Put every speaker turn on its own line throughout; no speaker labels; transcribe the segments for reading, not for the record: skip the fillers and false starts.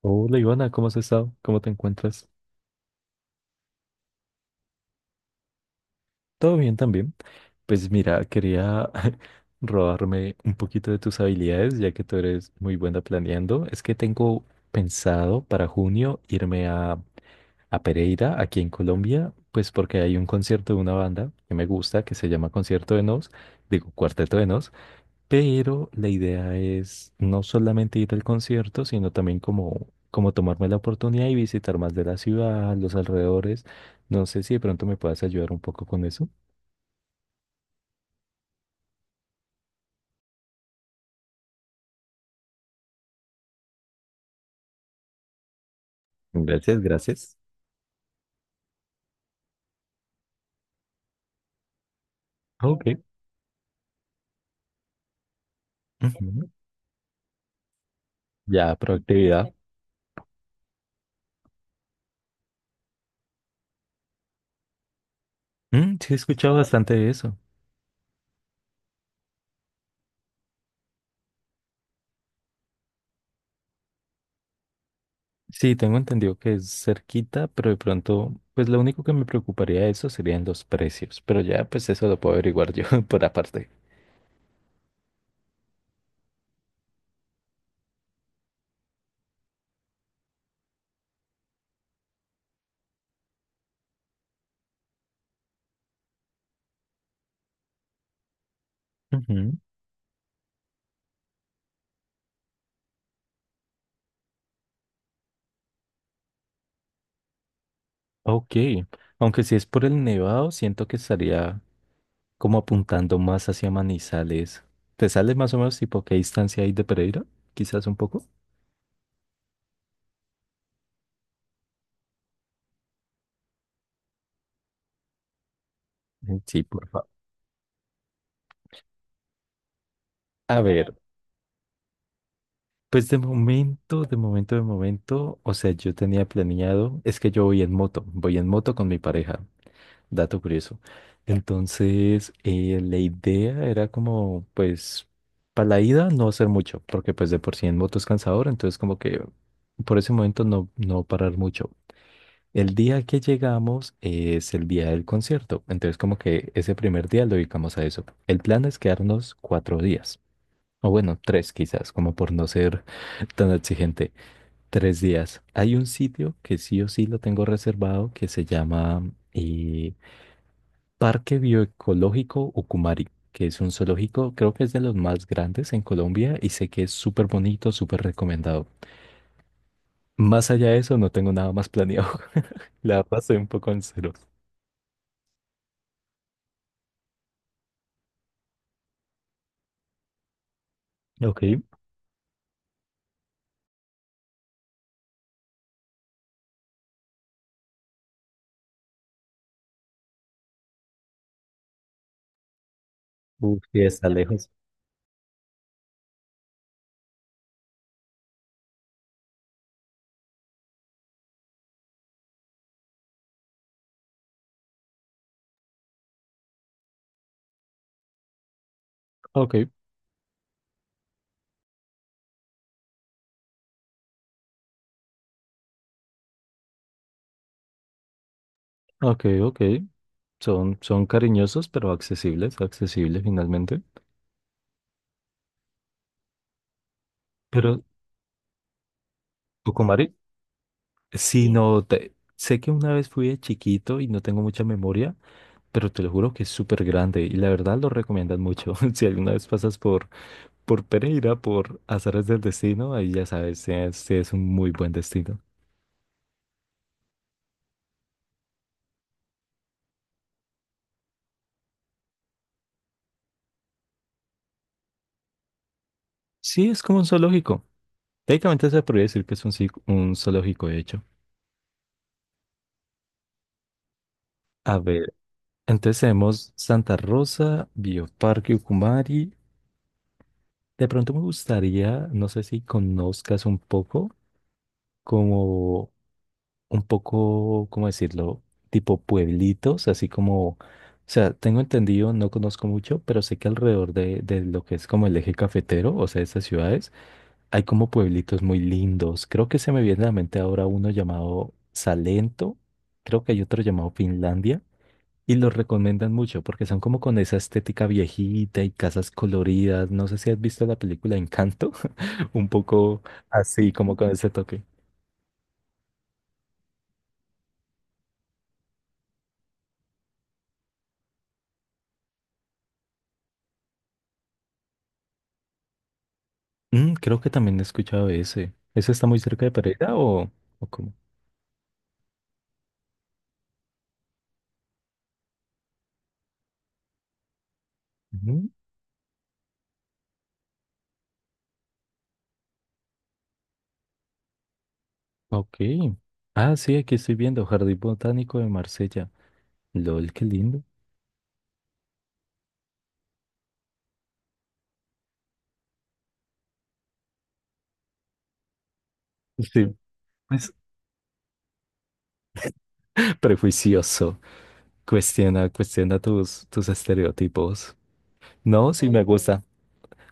Hola Ivana, ¿cómo has estado? ¿Cómo te encuentras? ¿Todo bien también? Pues mira, quería robarme un poquito de tus habilidades, ya que tú eres muy buena planeando. Es que tengo pensado para junio irme a Pereira, aquí en Colombia, pues porque hay un concierto de una banda que me gusta, que se llama Concierto de Nos, digo Cuarteto de Nos. Pero la idea es no solamente ir al concierto, sino también como tomarme la oportunidad y visitar más de la ciudad, los alrededores. No sé si de pronto me puedas ayudar un poco con eso. Gracias, gracias. Ok. Ujú. Ya, proactividad. Mm, sí, he escuchado bastante de eso. Sí, tengo entendido que es cerquita, pero de pronto, pues lo único que me preocuparía de eso serían los precios. Pero ya, pues eso lo puedo averiguar yo por aparte. Ujú. Ok. Aunque si es por el nevado, siento que estaría, como apuntando más hacia Manizales. ¿Te sales más o menos tipo qué distancia hay de Pereira? Quizás un poco. Sí, por favor. A ver, pues de momento, o sea, yo tenía planeado, es que yo voy en moto con mi pareja, dato curioso. Entonces, la idea era como, pues, para la ida no hacer mucho, porque pues de por sí en moto es cansador, entonces como que por ese momento no parar mucho. El día que llegamos es el día del concierto, entonces como que ese primer día lo dedicamos a eso. El plan es quedarnos cuatro días, o bueno, tres quizás, como por no ser tan exigente. Tres días. Hay un sitio que sí o sí lo tengo reservado que se llama Parque Bioecológico Ucumari, que es un zoológico, creo que es de los más grandes en Colombia y sé que es súper bonito, súper recomendado. Más allá de eso, no tengo nada más planeado. La verdad, estoy un poco en cero. Ok. Uf, sí, está lejos. Ok, ok, ok. Son cariñosos, pero accesibles, accesibles finalmente. Pero, Tucumari, sí, no, sé que una vez fui de chiquito y no tengo mucha memoria, pero te lo juro que es súper grande y la verdad lo recomiendan mucho. Si alguna vez pasas por Pereira, por Azares del Destino, ahí ya sabes, sí es un muy buen destino. Sí, es como un zoológico. Técnicamente se podría decir que es un, un zoológico, de hecho. A ver. Entonces tenemos Santa Rosa, Bioparque Ucumari. De pronto me gustaría, no sé si conozcas un poco, como un poco, ¿cómo decirlo? Tipo pueblitos, así como, o sea, tengo entendido, no conozco mucho, pero sé que alrededor de lo que es como el eje cafetero, o sea, de esas ciudades, hay como pueblitos muy lindos. Creo que se me viene a la mente ahora uno llamado Salento, creo que hay otro llamado Finlandia. Y los recomiendan mucho porque son como con esa estética viejita y casas coloridas. No sé si has visto la película Encanto, un poco así, como con ese toque. Mm, creo que también he escuchado ese. ¿Ese está muy cerca de Pereira, o cómo? Ujú. Ok. Ah, sí, aquí estoy viendo Jardín Botánico de Marsella. LOL, qué lindo. Sí, pues prejuicioso. Cuestiona, cuestiona tus, tus estereotipos. No, sí me gusta,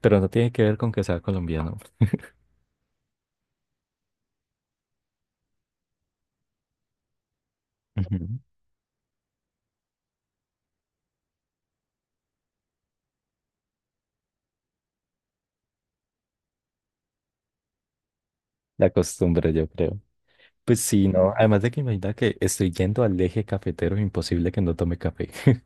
pero no tiene que ver con que sea colombiano. Ujú. La costumbre, yo creo. Pues sí. Mm, no. Además de que imagina que estoy yendo al eje cafetero, imposible que no tome café.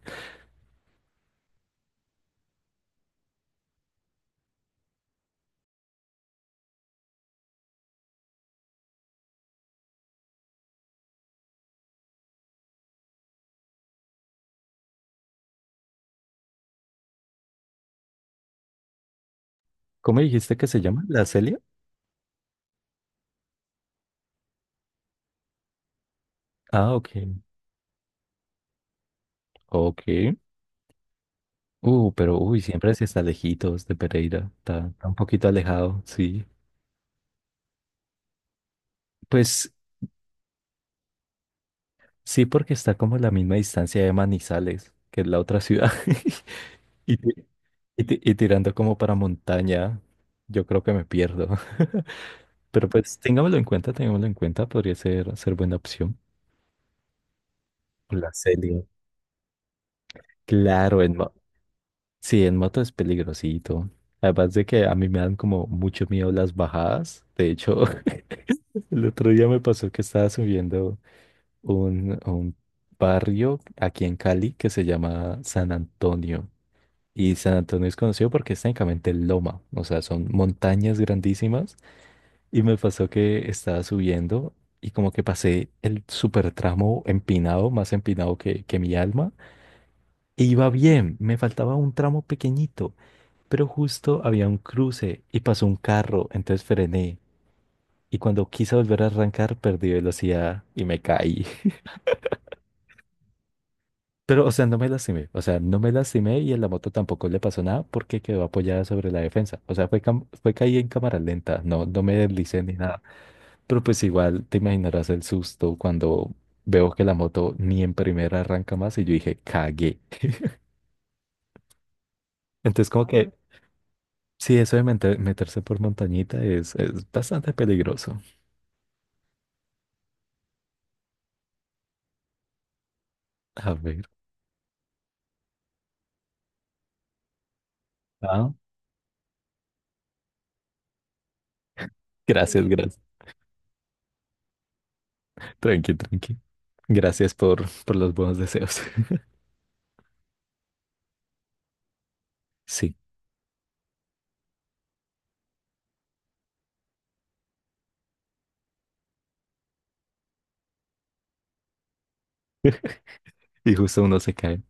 ¿Cómo dijiste que se llama? ¿La Celia? Ah, ok. Ok. Pero uy, siempre sí está lejitos de Pereira. Está un poquito alejado, sí. Pues sí, porque está como a la misma distancia de Manizales, que es la otra ciudad. Y, y tirando como para montaña, yo creo que me pierdo. Pero pues tengámoslo en cuenta, podría ser, ser buena opción. La serie. Claro, sí, en moto es peligrosito. Además de que a mí me dan como mucho miedo las bajadas. De hecho, el otro día me pasó que estaba subiendo un barrio aquí en Cali que se llama San Antonio. Y San Antonio es conocido porque es técnicamente loma, o sea, son montañas grandísimas. Y me pasó que estaba subiendo y como que pasé el super tramo empinado, más empinado que mi alma. E iba bien, me faltaba un tramo pequeñito, pero justo había un cruce y pasó un carro, entonces frené. Y cuando quise volver a arrancar, perdí velocidad y me caí. Pero, o sea, no me lastimé, o sea, no me lastimé y en la moto tampoco le pasó nada porque quedó apoyada sobre la defensa. O sea, fue, fue caí en cámara lenta, no, no me deslicé ni nada. Pero pues igual te imaginarás el susto cuando veo que la moto ni en primera arranca más y yo dije, cagué. Entonces como que sí, eso de meterse por montañita es bastante peligroso. A ver. Ah, gracias. Sí, gracias. Tranqui, tranqui. Gracias por los buenos deseos. Sí. Y justo uno se cae.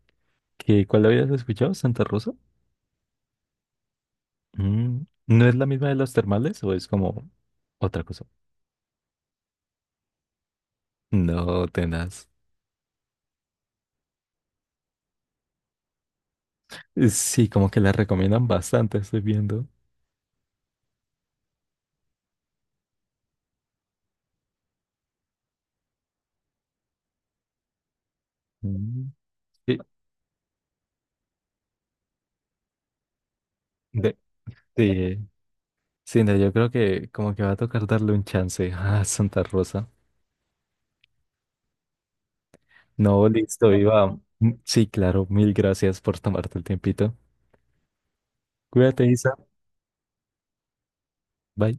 ¿Qué, cuál habías escuchado? ¿Santa Rosa? Mm, ¿no es la misma de los termales o es como otra cosa? No, tenaz. Sí, como que la recomiendan bastante, estoy viendo. Mm, sí, de, sí, sí, no, yo creo que como que va a tocar darle un chance a Santa Rosa. No, listo, Iba. Sí, claro, mil gracias por tomarte el tiempito. Cuídate, Isa. Bye.